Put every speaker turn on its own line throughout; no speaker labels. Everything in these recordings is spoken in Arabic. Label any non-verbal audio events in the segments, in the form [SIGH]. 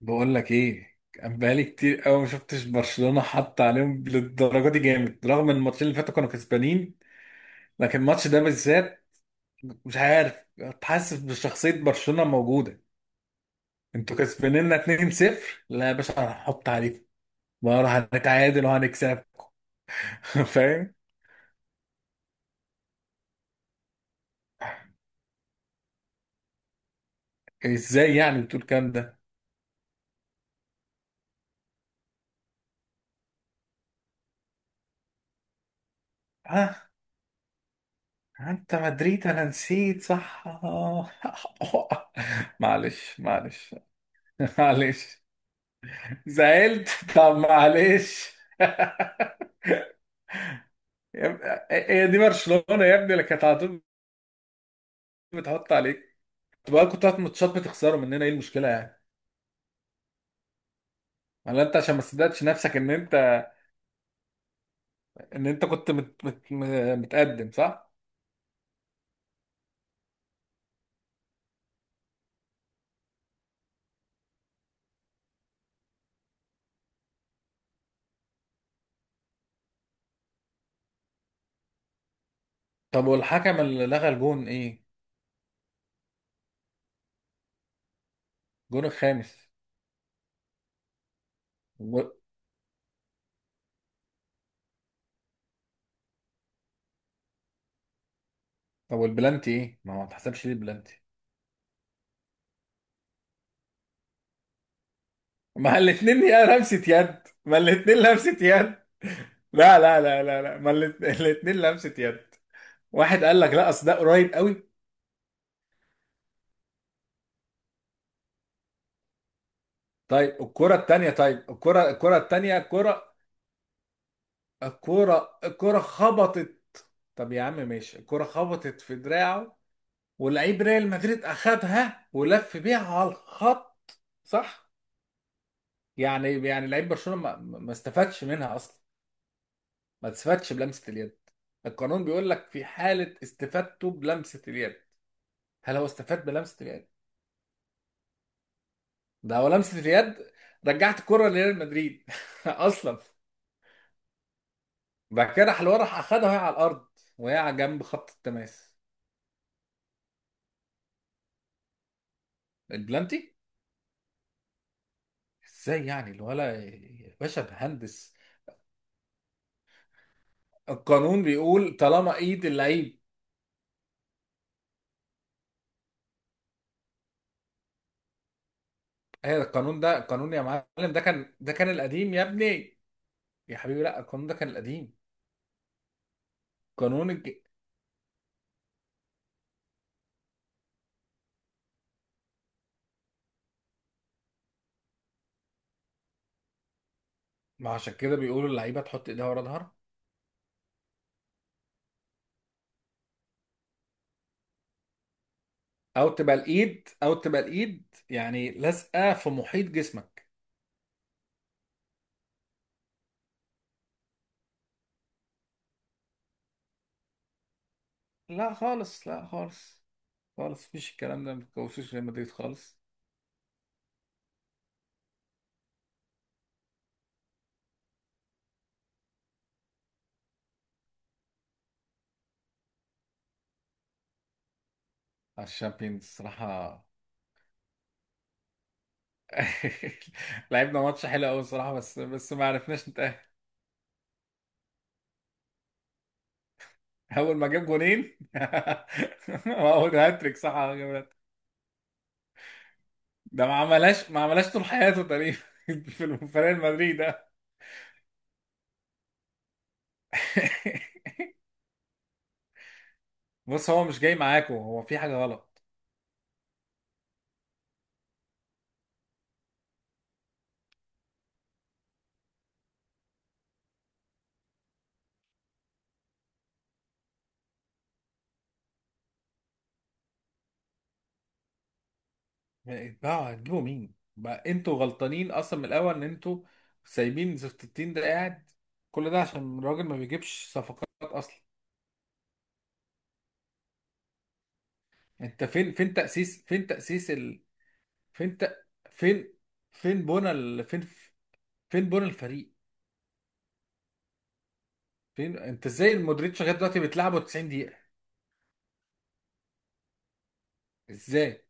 بقول لك ايه، كان بقالي كتير قوي ما شفتش برشلونه حط عليهم للدرجه دي. جامد، رغم ان الماتشين اللي فاتوا كانوا كسبانين. لكن الماتش ده بالذات، مش عارف، حاسس بشخصيه برشلونه موجوده. انتوا كسبانين 2-0. لا يا باشا، هنحط عليكم بقى، هنتعادل وهنكسبكم. [LAUGHS] فاهم؟ ازاي يعني بتقول الكلام ده؟ اه، انت مدريد، انا نسيت، صح آه. [LAUGHS] معلش معلش. [LAUGHS] معلش. زعلت. طب معلش. [LAUGHS] يا ابني- هي دي برشلونة يا ابني، اللي كانت على طول بتحط عليك. بقى كنت هات ماتشات بتخسروا مننا، ايه المشكلة يعني؟ ولا انت عشان ما صدقتش نفسك ان انت كنت متقدم صح؟ طب والحكم اللي لغى الجون، ايه؟ الجون الخامس. و... طب والبلانتي، ايه؟ ما هو ما اتحسبش ليه البلانتي؟ ما الاتنين يا لمسة يد، ما الاتنين لمسة يد. لا لا لا لا لا، ما الاتنين لمسة يد. واحد قال لك لا، اصل ده قريب قوي. الكرة التانية. الكرة خبطت. طب يا عم ماشي، الكرة خبطت في دراعه، ولعيب ريال مدريد أخدها ولف بيها على الخط، صح؟ يعني لعيب برشلونة ما استفادش منها أصلا. ما استفادش بلمسة اليد. القانون بيقول لك في حالة استفادته بلمسة اليد، هل هو استفاد بلمسة اليد؟ ده هو لمسة اليد. رجعت الكرة لريال مدريد [LAUGHS] أصلا. بعد كده راح الورا، راح اخدها وهي على الارض، وهي على جنب خط التماس. البلانتي، ازاي يعني الولا يا باشا مهندس؟ القانون بيقول طالما ايد اللعيب، هي القانون ده، القانون يا معلم، ده كان القديم يا ابني. يا حبيبي لا، القانون ده كان القديم. قانون الج... ما عشان كده بيقولوا اللعيبه تحط ايدها ورا ظهرها، او تبقى الايد، او تبقى الايد يعني لازقه في محيط جسمك. لا خالص، لا خالص، خالص مفيش الكلام ده، ما تكوشوش ريال مدريد خالص. على الشامبيونز الصراحه. [LAUGHS] لعبنا ماتش حلو قوي الصراحه، بس ما عرفناش نتأهل. اول ما جاب جونين. [LAUGHS] اول هاتريك صح، على جاب هاتريك. ده ما عملهاش، ما عملهاش طول حياته تقريبا. [LAUGHS] في فريق مدريد ده. [LAUGHS] بص، هو مش جاي معاكم، هو في حاجه غلط. بقى هتجيبوا مين؟ بقى انتوا غلطانين اصلا من الاول ان انتوا سايبين زفت التين ده قاعد. كل ده عشان الراجل ما بيجيبش صفقات اصلا. انت فين؟ فين تأسيس؟ فين تأسيس؟ فين فين فين بونا فين بونا الفريق؟ فين انت؟ ازاي المودريتش لغايه دلوقتي بتلعبه 90 دقيقه؟ ازاي؟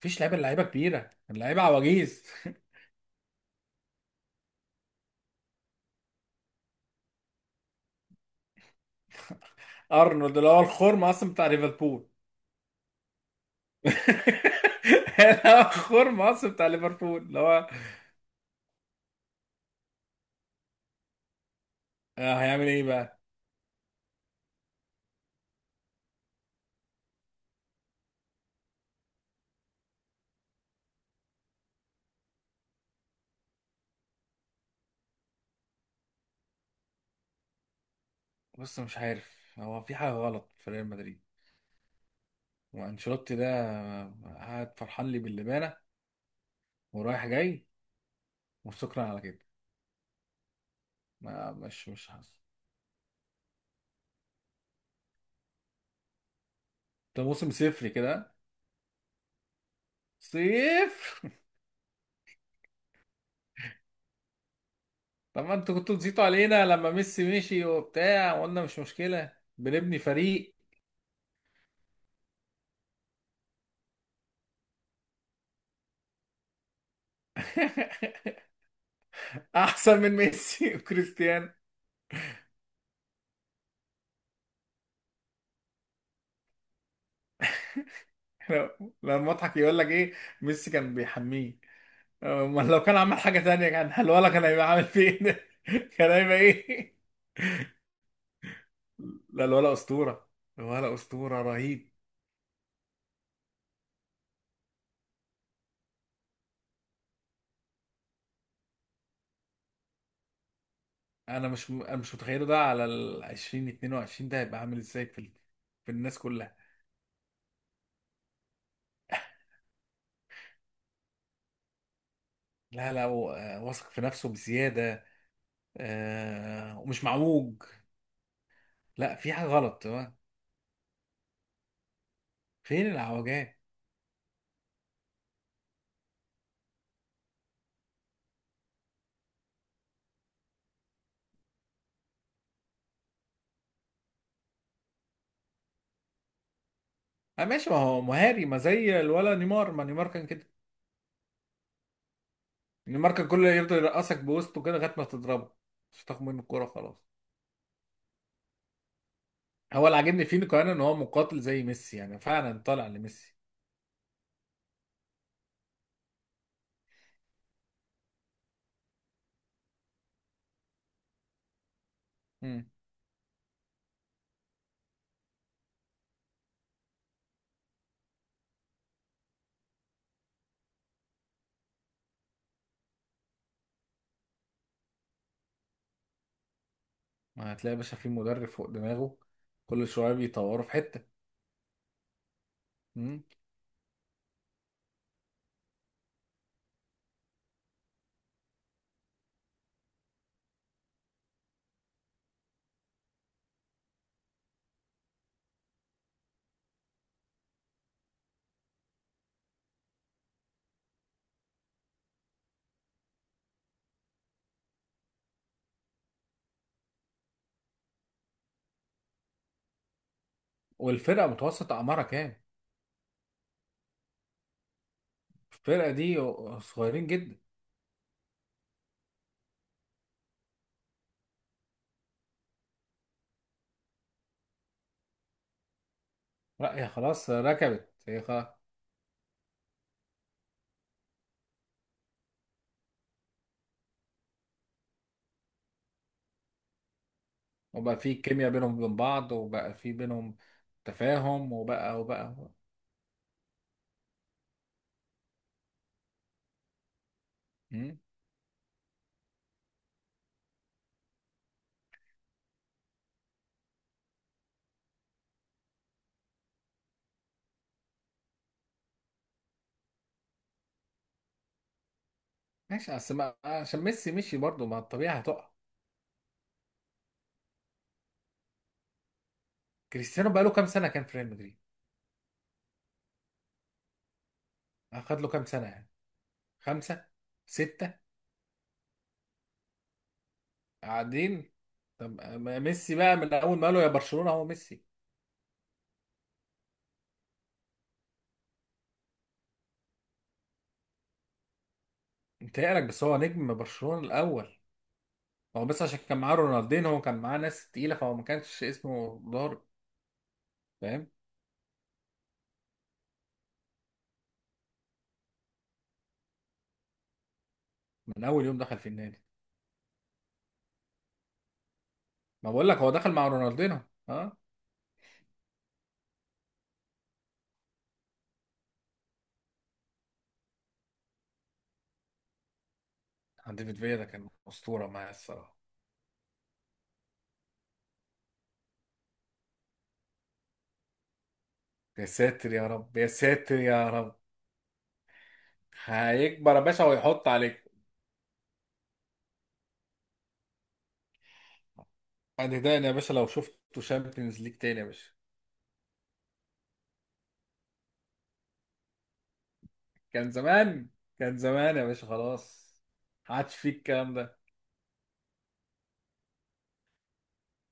مفيش لعيبه، اللعيبه كبيره، اللعيبه عواجيز. [LAUGHS] ارنولد اللي هو الخرم اصلا بتاع ليفربول. [LAUGHS] اللي هو الخرم اصلا بتاع ليفربول، اللي هو هيعمل ايه بقى؟ بص، مش عارف، هو في حاجه غلط في ريال مدريد. وانشيلوتي ده قاعد فرحان لي باللبانه ورايح جاي، وشكرا على كده. ما مش حاسس. ده موسم صفري كده. صيف. [LAUGHS] طب ما انتوا كنتوا تزيتوا علينا لما ميسي مشي وبتاع، وقلنا مش مشكلة، بنبني فريق. [LAUGHS] احسن من ميسي وكريستيانو. احنا، لما اضحك يقول لك ايه؟ ميسي كان بيحميه، امال لو كان عمل حاجة تانية كان الولا كان هيبقى عامل فين؟ [LAUGHS] كان هيبقى ايه؟ لا، الولا اسطورة، الولا اسطورة رهيب. انا مش متخيله ده على ال 20 22 ده هيبقى عامل ازاي في في الناس كلها. لا لا، هو واثق في نفسه بزيادة، ومش معوج. لا، في حاجه غلط تمام. فين العوجات؟ آه ماشي، ما هو مهاري ما زي الولا نيمار. ما نيمار كان كده. نيمار كان كله يفضل يرقصك بوسطه كده لغايه ما تضربه، مش تاخد منه الكوره خلاص. هو اللي عاجبني فيه كمان ان هو مقاتل زي ميسي، يعني فعلا طالع لميسي. مم. ما هتلاقي يا باشا في مدرب فوق دماغه، كل شويه بيطوروا في حته. مم. والفرقه متوسط اعمارها كام؟ الفرقه دي صغيرين جدا. لا، هي خلاص ركبت، هي خلاص. وبقى في كيمياء بينهم وبين بعض، وبقى في بينهم تفاهم، وبقى، وبقى. مم؟ ماشي، اصل عشان ميسي مشي برضه، ما الطبيعة هتقع. كريستيانو بقى له كام سنة كان في ريال مدريد؟ اخد له كام سنة يعني؟ خمسة، ستة. قاعدين. طب ما ميسي بقى من اول ما قالوا يا برشلونة هو ميسي. انت يقلق، بس هو نجم برشلونة الاول. هو بس عشان كان معاه رونالدين، هو كان معاه ناس تقيلة، فهو ما كانش اسمه ضارب. فاهم. من اول يوم دخل في النادي. ما بقول لك هو دخل مع رونالدينو. ها. ديفيد فيا ده كان أسطورة معايا الصراحة. يا ساتر يا رب، يا ساتر يا رب. هيكبر يا باشا ويحط عليك. هتداني يا باشا لو شفته شامبيونز ليج تاني يا باشا. كان زمان، كان زمان يا باشا خلاص. ما عادش فيه الكلام ده.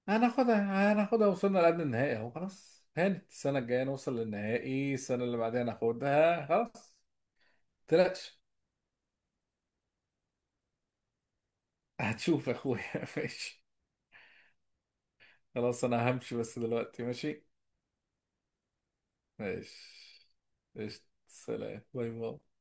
هناخدها، هناخدها، وصلنا لقبل النهائي اهو، خلاص هانت. السنة الجاية نوصل للنهائي، السنة اللي بعدها ناخدها، خلاص. متقلقش. هتشوف يا اخويا. [LAUGHS] ماشي. خلاص انا همشي بس دلوقتي، ماشي. ماشي. قشطة. سلام، باي باي.